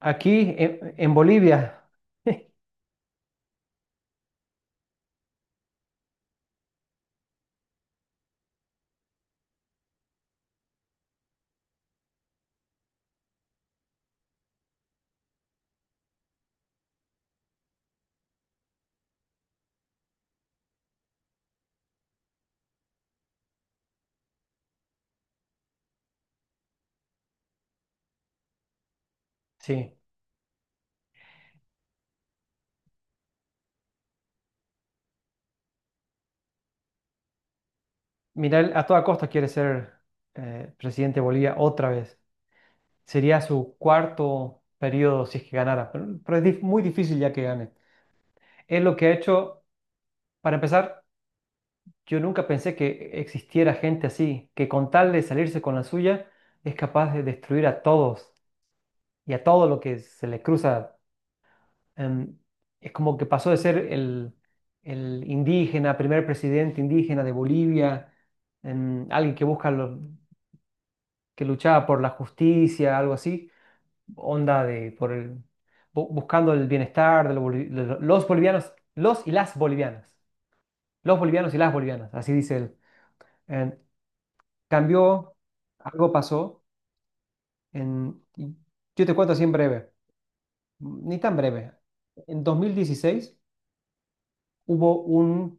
Aquí en Bolivia, sí, Milei a toda costa quiere ser presidente de Bolivia otra vez. Sería su cuarto periodo si es que ganara, pero es muy difícil ya que gane. Es lo que ha hecho, para empezar. Yo nunca pensé que existiera gente así, que con tal de salirse con la suya es capaz de destruir a todos y a todo lo que se le cruza. em, es como que pasó de ser el indígena, primer presidente indígena de Bolivia. Alguien que busca que luchaba por la justicia, algo así, onda de por el, buscando el bienestar de, los de los bolivianos, los y las bolivianas, los bolivianos y las bolivianas, así dice él. Em, Cambió, algo pasó, y yo te cuento así en breve, ni tan breve. En 2016 hubo un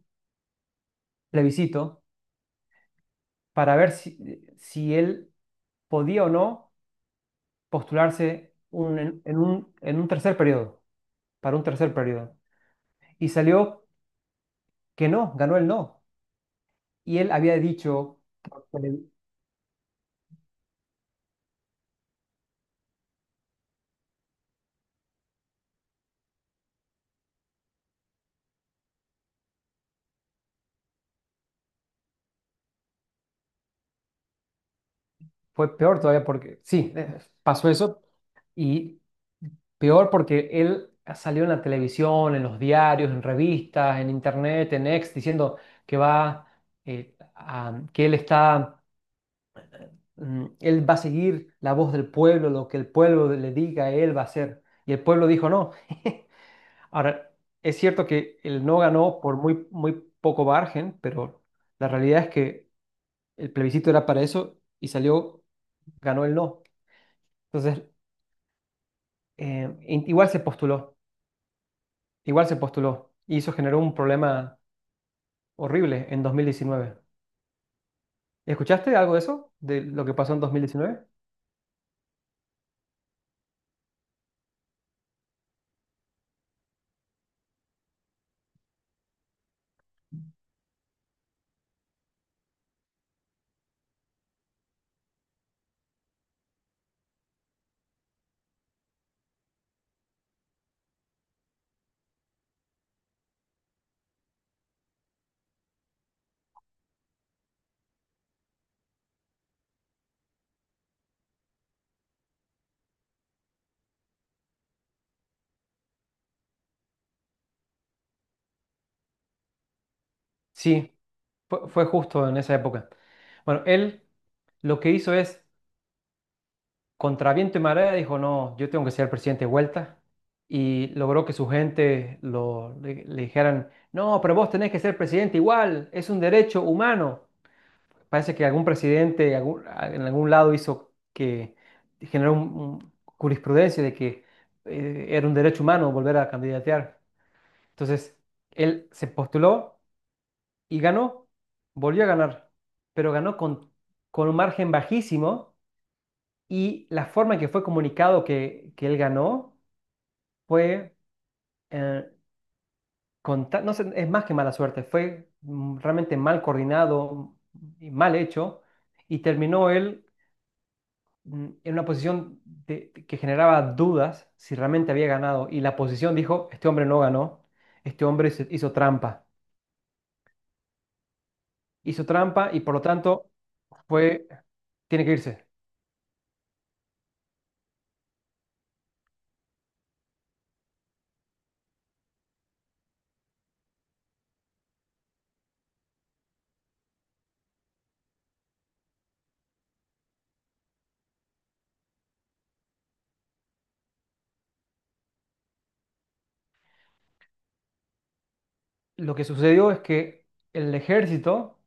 plebiscito para ver si él podía o no postularse en un tercer periodo, para un tercer periodo. Y salió que no, ganó el no. Y él había dicho, fue peor todavía porque, sí, pasó eso, y peor porque él salió en la televisión, en los diarios, en revistas, en internet, en X, diciendo que va, que él está, él va a seguir la voz del pueblo, lo que el pueblo le diga, él va a hacer. Y el pueblo dijo no. Ahora, es cierto que él no ganó por muy, muy poco margen, pero la realidad es que el plebiscito era para eso y salió, ganó el no. Entonces, igual se postuló, igual se postuló. Y eso generó un problema horrible en 2019. ¿Escuchaste algo de eso? ¿De lo que pasó en 2019? Sí, fue justo en esa época. Bueno, él lo que hizo es, contra viento y marea, dijo, no, yo tengo que ser presidente de vuelta. Y logró que su gente le dijeran, no, pero vos tenés que ser presidente igual, es un derecho humano. Parece que algún presidente en algún lado hizo que generó un jurisprudencia de que era un derecho humano volver a candidatear. Entonces, él se postuló y ganó, volvió a ganar, pero ganó con un margen bajísimo, y la forma en que fue comunicado que él ganó fue, eh, no sé, es más que mala suerte, fue, realmente mal coordinado y mal hecho, y terminó él, en una posición que generaba dudas si realmente había ganado, y la posición dijo, este hombre no ganó, este hombre hizo trampa, hizo trampa, y por lo tanto fue, tiene que irse. Lo que sucedió es que el ejército,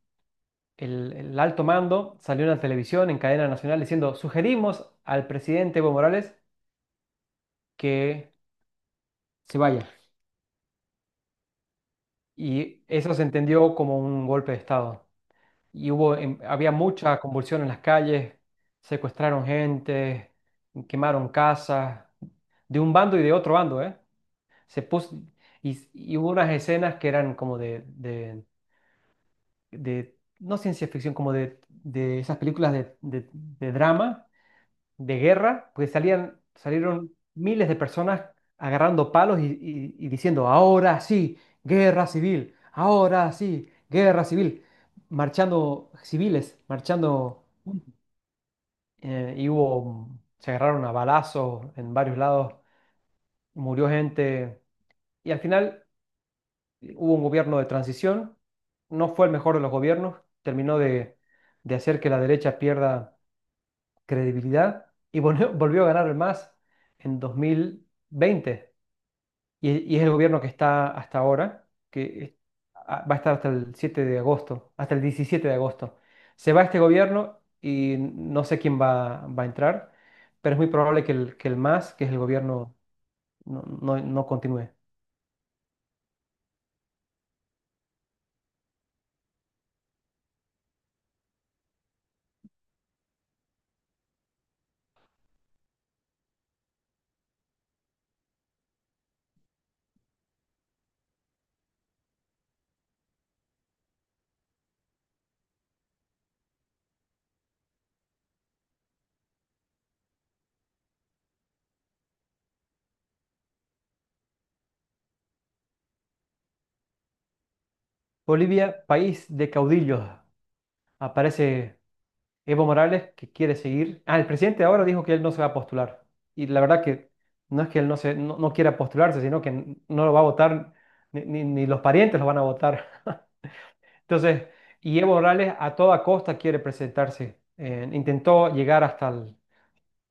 el alto mando, salió en la televisión, en cadena nacional, diciendo, sugerimos al presidente Evo Morales que se vaya. Y eso se entendió como un golpe de Estado. Y hubo, había mucha convulsión en las calles, secuestraron gente, quemaron casas, de un bando y de otro bando, ¿eh? Se puso, y hubo unas escenas que eran como no ciencia ficción, como de esas películas de drama, de guerra, pues salían, salieron miles de personas agarrando palos y diciendo, ahora sí, guerra civil, ahora sí, guerra civil, marchando civiles, marchando, y hubo, se agarraron a balazos en varios lados, murió gente, y al final. Hubo un gobierno de transición, no fue el mejor de los gobiernos, terminó de hacer que la derecha pierda credibilidad, y volvió, volvió a ganar el MAS en dos mil veinte. Y es el gobierno que está hasta ahora, va a estar hasta el 7 de agosto, hasta el 17 de agosto. Se va este gobierno y no sé quién va a entrar, pero es muy probable que el MAS, que es el gobierno, no continúe. Bolivia, país de caudillos. Aparece Evo Morales, que quiere seguir. Ah, el presidente ahora dijo que él no se va a postular. Y la verdad que no es que él no, se, no, no quiera postularse, sino que no lo va a votar, ni los parientes lo van a votar. Entonces, y Evo Morales a toda costa quiere presentarse. Intentó llegar hasta, el-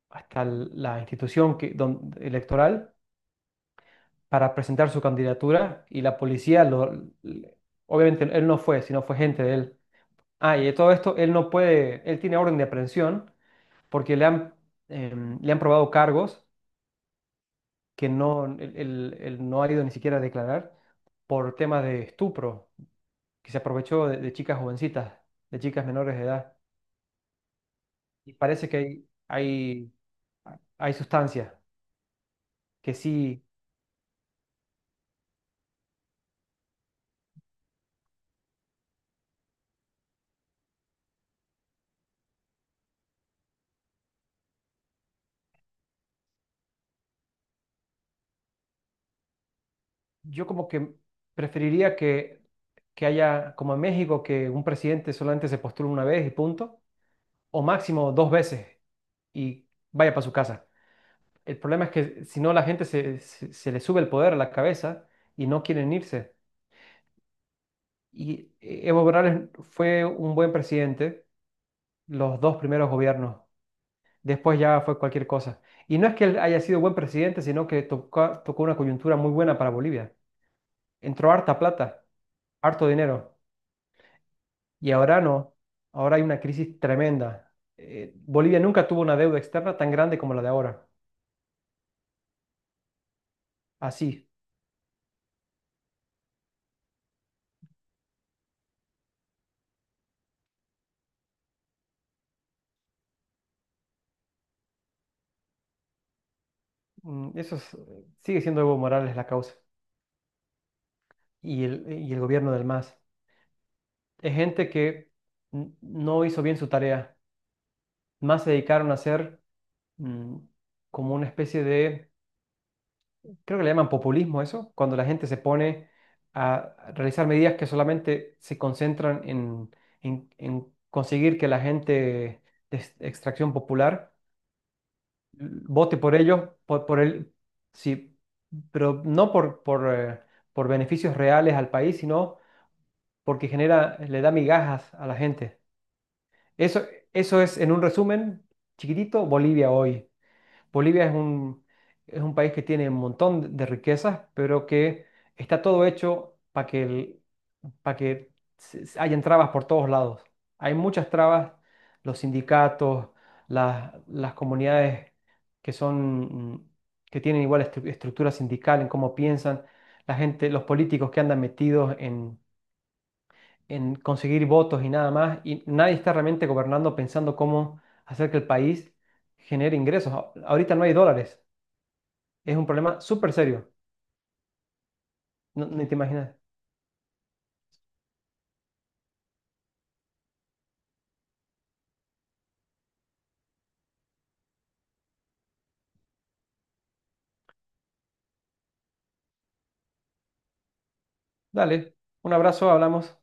hasta el- la institución que, electoral, para presentar su candidatura, y la policía, lo, le- obviamente él no fue, sino fue gente de él. Ah, y de todo esto, él no puede, él tiene orden de aprehensión porque le han, probado cargos que no, él, él no ha ido ni siquiera a declarar por temas de estupro, que se aprovechó de chicas jovencitas, de chicas menores de edad. Y parece que hay sustancias que sí. Yo como que preferiría que haya, como en México, que un presidente solamente se postule una vez y punto, o máximo dos veces y vaya para su casa. El problema es que si no, la gente se le sube el poder a la cabeza y no quieren irse. Y Evo Morales fue un buen presidente los dos primeros gobiernos. Después ya fue cualquier cosa. Y no es que él haya sido buen presidente, sino que tocó, tocó una coyuntura muy buena para Bolivia. Entró harta plata, harto dinero. Y ahora no. Ahora hay una crisis tremenda. Bolivia nunca tuvo una deuda externa tan grande como la de ahora. Así. Mm, Eso es- sigue siendo Evo Morales la causa. Y el gobierno del MAS. Es gente que no hizo bien su tarea. Más se dedicaron a hacer, mm, como una especie de, creo que le llaman populismo eso, cuando la gente se pone a realizar medidas que solamente se concentran en, en conseguir que la gente de extracción popular vote por ellos, sí, pero no por beneficios reales al país, sino porque genera, le da migajas a la gente. Eso, eso es, en un resumen chiquitito, Bolivia hoy. Bolivia es un país que tiene un montón de riquezas, pero que está todo hecho para que hayan trabas por todos lados. Hay muchas trabas, los sindicatos, las comunidades que son, que tienen igual estructura sindical en cómo piensan, la gente, los políticos, que andan metidos en conseguir votos y nada más, y nadie está realmente gobernando, pensando cómo hacer que el país genere ingresos. Ahorita no hay dólares, es un problema súper serio, ni te imaginas. Dale, un abrazo, hablamos.